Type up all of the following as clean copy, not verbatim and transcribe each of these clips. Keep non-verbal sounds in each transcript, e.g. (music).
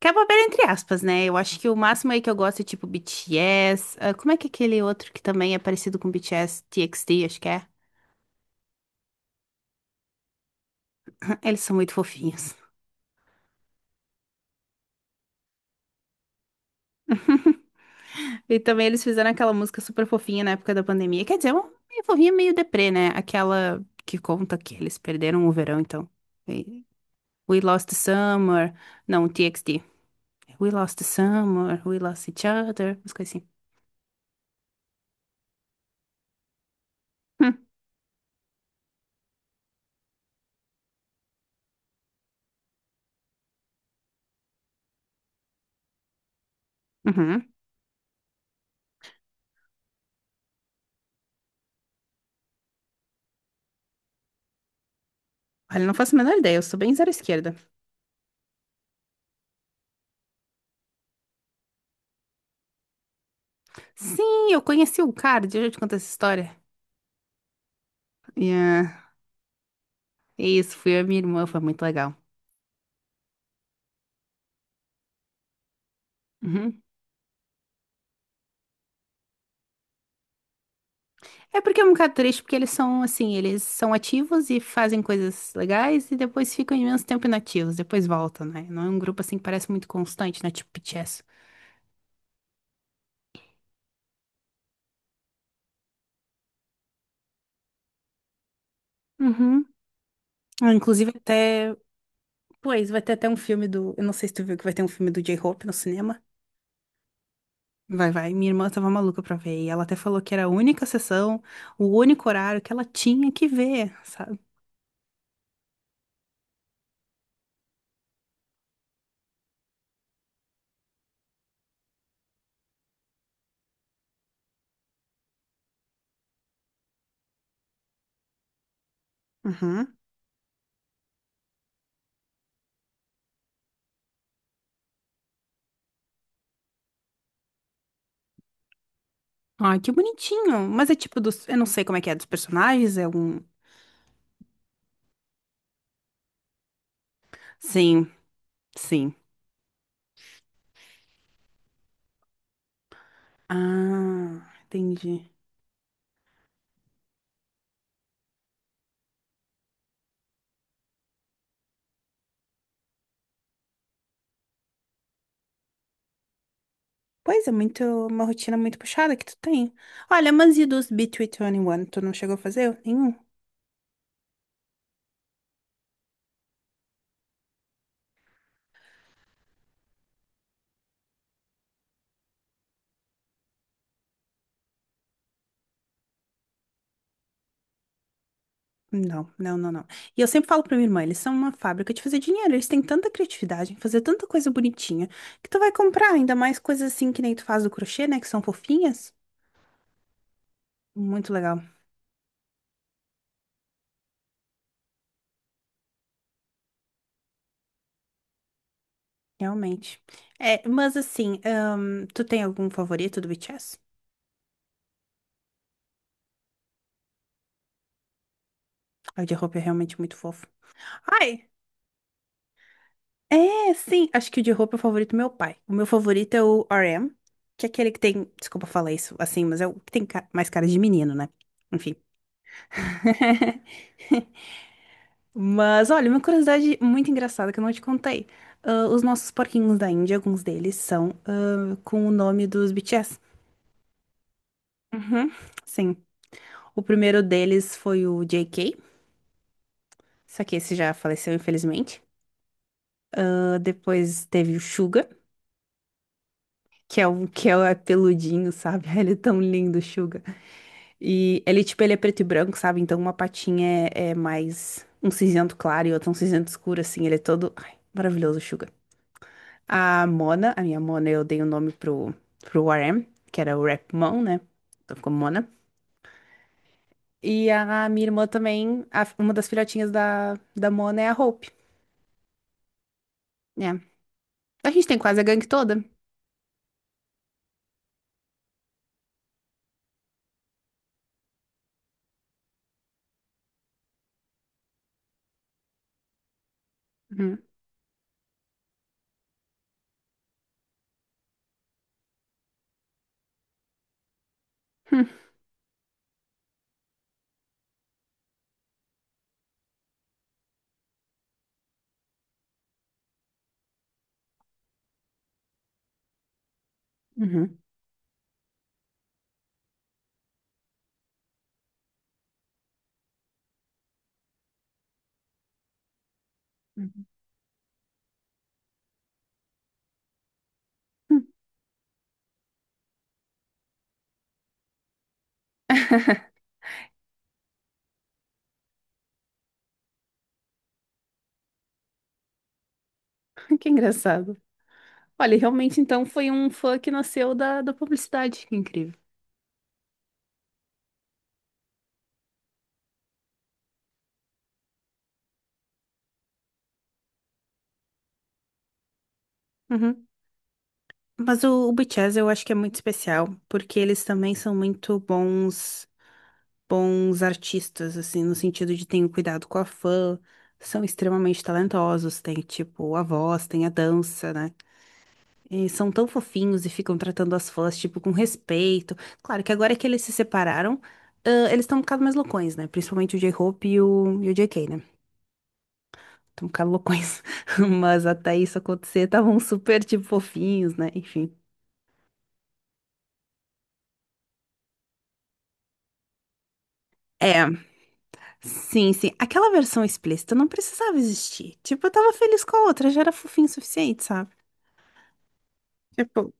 Que é bobeira entre aspas, né? Eu acho que o máximo aí que eu gosto é tipo BTS. Ah, como é que é aquele outro que também é parecido com BTS, TXT, acho que é? (laughs) Eles são muito fofinhos. (laughs) E também eles fizeram aquela música super fofinha na época da pandemia. Quer dizer, uma meio fofinha, meio deprê, né? Aquela que conta que eles perderam o verão, então. E- We lost the summer. Não, TXT. We lost the summer, we lost each other. Umas coisas assim. Hum, uhum. Olha, não faço a menor ideia, eu sou bem zero esquerda. Sim, eu conheci um cara, deixa eu te contar essa história. Yeah. Isso, fui eu e minha irmã, foi muito legal. Uhum. É porque é um bocado triste, porque eles são assim, eles são ativos e fazem coisas legais e depois ficam imenso tempo inativos, depois voltam, né? Não é um grupo assim que parece muito constante, né? Tipo BTS. Uhum. Ah, inclusive até, pois, vai ter até um filme do, eu não sei se tu viu que vai ter um filme do J-Hope no cinema. Vai, vai. Minha irmã tava maluca pra ver e ela até falou que era a única sessão, o único horário que ela tinha que ver, sabe? Uhum. Ai, que bonitinho. Mas é tipo dos. Eu não sei como é que é dos personagens, é um. Sim, sim. Ah, entendi. Pois é, muito, uma rotina muito puxada que tu tem. Olha, mas e dos B321? Tu não chegou a fazer nenhum? Não, não, não, não. E eu sempre falo pra minha irmã, eles são uma fábrica de fazer dinheiro. Eles têm tanta criatividade em fazer tanta coisa bonitinha que tu vai comprar, ainda mais coisas assim que nem tu faz do crochê, né? Que são fofinhas. Muito legal, realmente. É, mas assim, tu tem algum favorito do BTS? Ai, o de roupa é realmente muito fofo. Ai, é, sim. Acho que o de roupa é o favorito do meu pai. O meu favorito é o RM, que é aquele que tem. Desculpa falar isso assim, mas é o que tem mais cara de menino, né? Enfim. (laughs) Mas olha, uma curiosidade muito engraçada que eu não te contei. Ah, os nossos porquinhos da Índia, alguns deles, são ah, com o nome dos BTS. Uhum, sim. O primeiro deles foi o JK, só que esse já faleceu, infelizmente. Ah, depois teve o Suga. Que é um que é peludinho, sabe? (laughs) Ele é tão lindo, Suga. E ele, tipo, ele é preto e branco, sabe? Então uma patinha é, é mais um cinzento claro e outra um cinzento escuro, assim. Ele é todo. Ai, maravilhoso, Suga. A Mona, a minha Mona, eu dei o nome pro, RM, que era o Rap Mon, né? Então ficou Mona. E a minha irmã também, uma das filhotinhas da Mona é a Hope, né? A gente tem quase a gangue toda. Uhum. Uhum. Uhum. Uhum. (laughs) Que engraçado. Olha, realmente então foi um fã que nasceu da publicidade. Que incrível. Uhum. Mas o BTS eu acho que é muito especial, porque eles também são muito bons, bons artistas, assim, no sentido de terem cuidado com a fã, são extremamente talentosos, tem, tipo, a voz, tem a dança, né? E são tão fofinhos e ficam tratando as fãs, tipo, com respeito. Claro que agora que eles se separaram, ah, eles estão um bocado mais loucões, né? Principalmente o J-Hope e o JK, né? Tão loucões. (laughs) Mas até isso acontecer, estavam super, tipo, fofinhos, né? Enfim. É, sim, sim. Aquela versão explícita não precisava existir. Tipo, eu tava feliz com a outra, já era fofinho o suficiente, sabe? Tipo,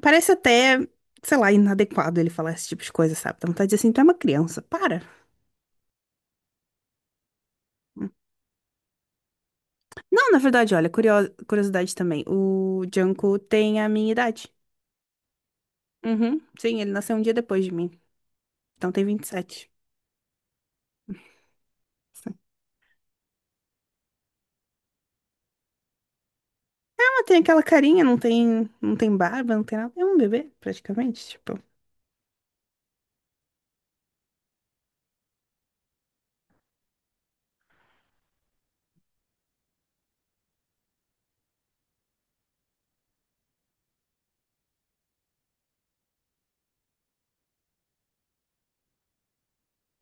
parece até, sei lá, inadequado ele falar esse tipo de coisa, sabe? Dá vontade de dizer assim, tu é uma criança, para. Não, na verdade, olha, curiosidade também. O Junko tem a minha idade. Uhum, sim, ele nasceu um dia depois de mim. Então tem 27. Tem aquela carinha, não tem, não tem barba, não tem nada. É um bebê, praticamente, tipo.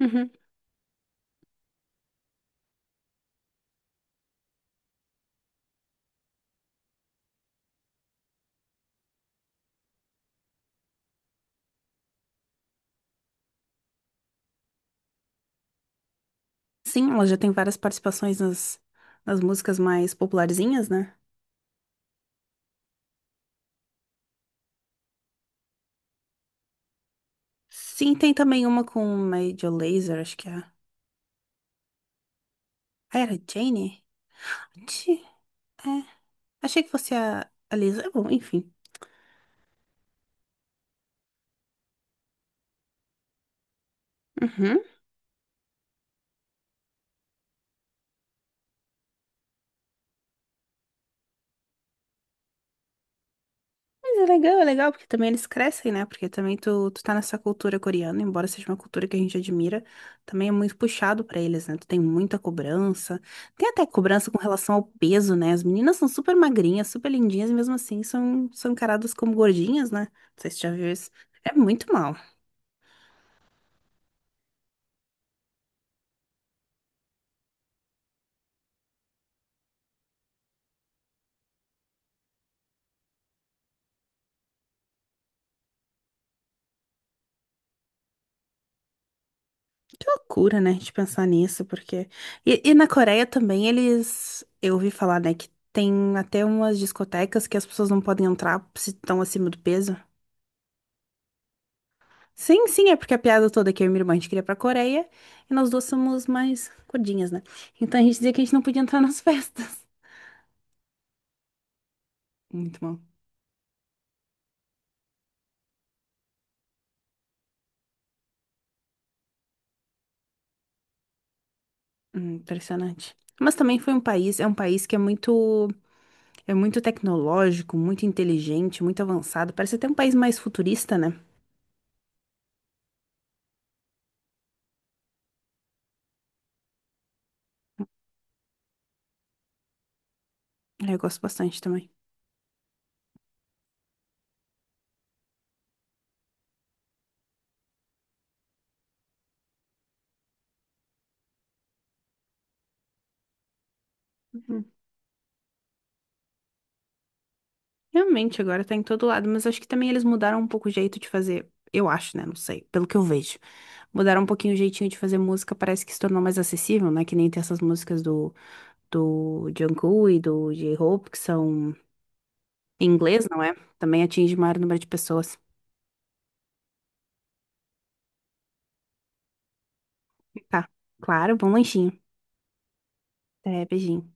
Uhum. Sim, ela já tem várias participações nas músicas mais popularzinhas, né? Sim, tem também uma com Major Lazer, acho que é. Ah, era Jane? Ti- É. Achei que fosse a Lisa. Bom, enfim. Uhum. Mas é legal, porque também eles crescem, né? Porque também tu tá nessa cultura coreana, embora seja uma cultura que a gente admira, também é muito puxado pra eles, né? Tu tem muita cobrança. Tem até cobrança com relação ao peso, né? As meninas são super magrinhas, super lindinhas, e mesmo assim são, encaradas como gordinhas, né? Não sei se tu já viu isso. É muito mal. Que loucura, né? De pensar nisso, porque. E na Coreia também eles. Eu ouvi falar, né? Que tem até umas discotecas que as pessoas não podem entrar se estão acima do peso. Sim, sim, é porque a piada toda é que eu e minha irmã a gente queria ir pra Coreia e nós duas somos mais gordinhas, né? Então a gente dizia que a gente não podia entrar nas (laughs) festas. Muito bom. Impressionante. Mas também foi um país, é um país que é muito tecnológico, muito inteligente, muito avançado. Parece até um país mais futurista, né? É, eu gosto bastante também. Uhum. Realmente, agora tá em todo lado, mas acho que também eles mudaram um pouco o jeito de fazer. Eu acho, né? Não sei, pelo que eu vejo. Mudaram um pouquinho o jeitinho de fazer música, parece que se tornou mais acessível, né? Que nem tem essas músicas do Jungkook e do J-Hope, que são em inglês, não é? Também atinge o maior número de pessoas. Tá, claro, bom lanchinho. Até, beijinho.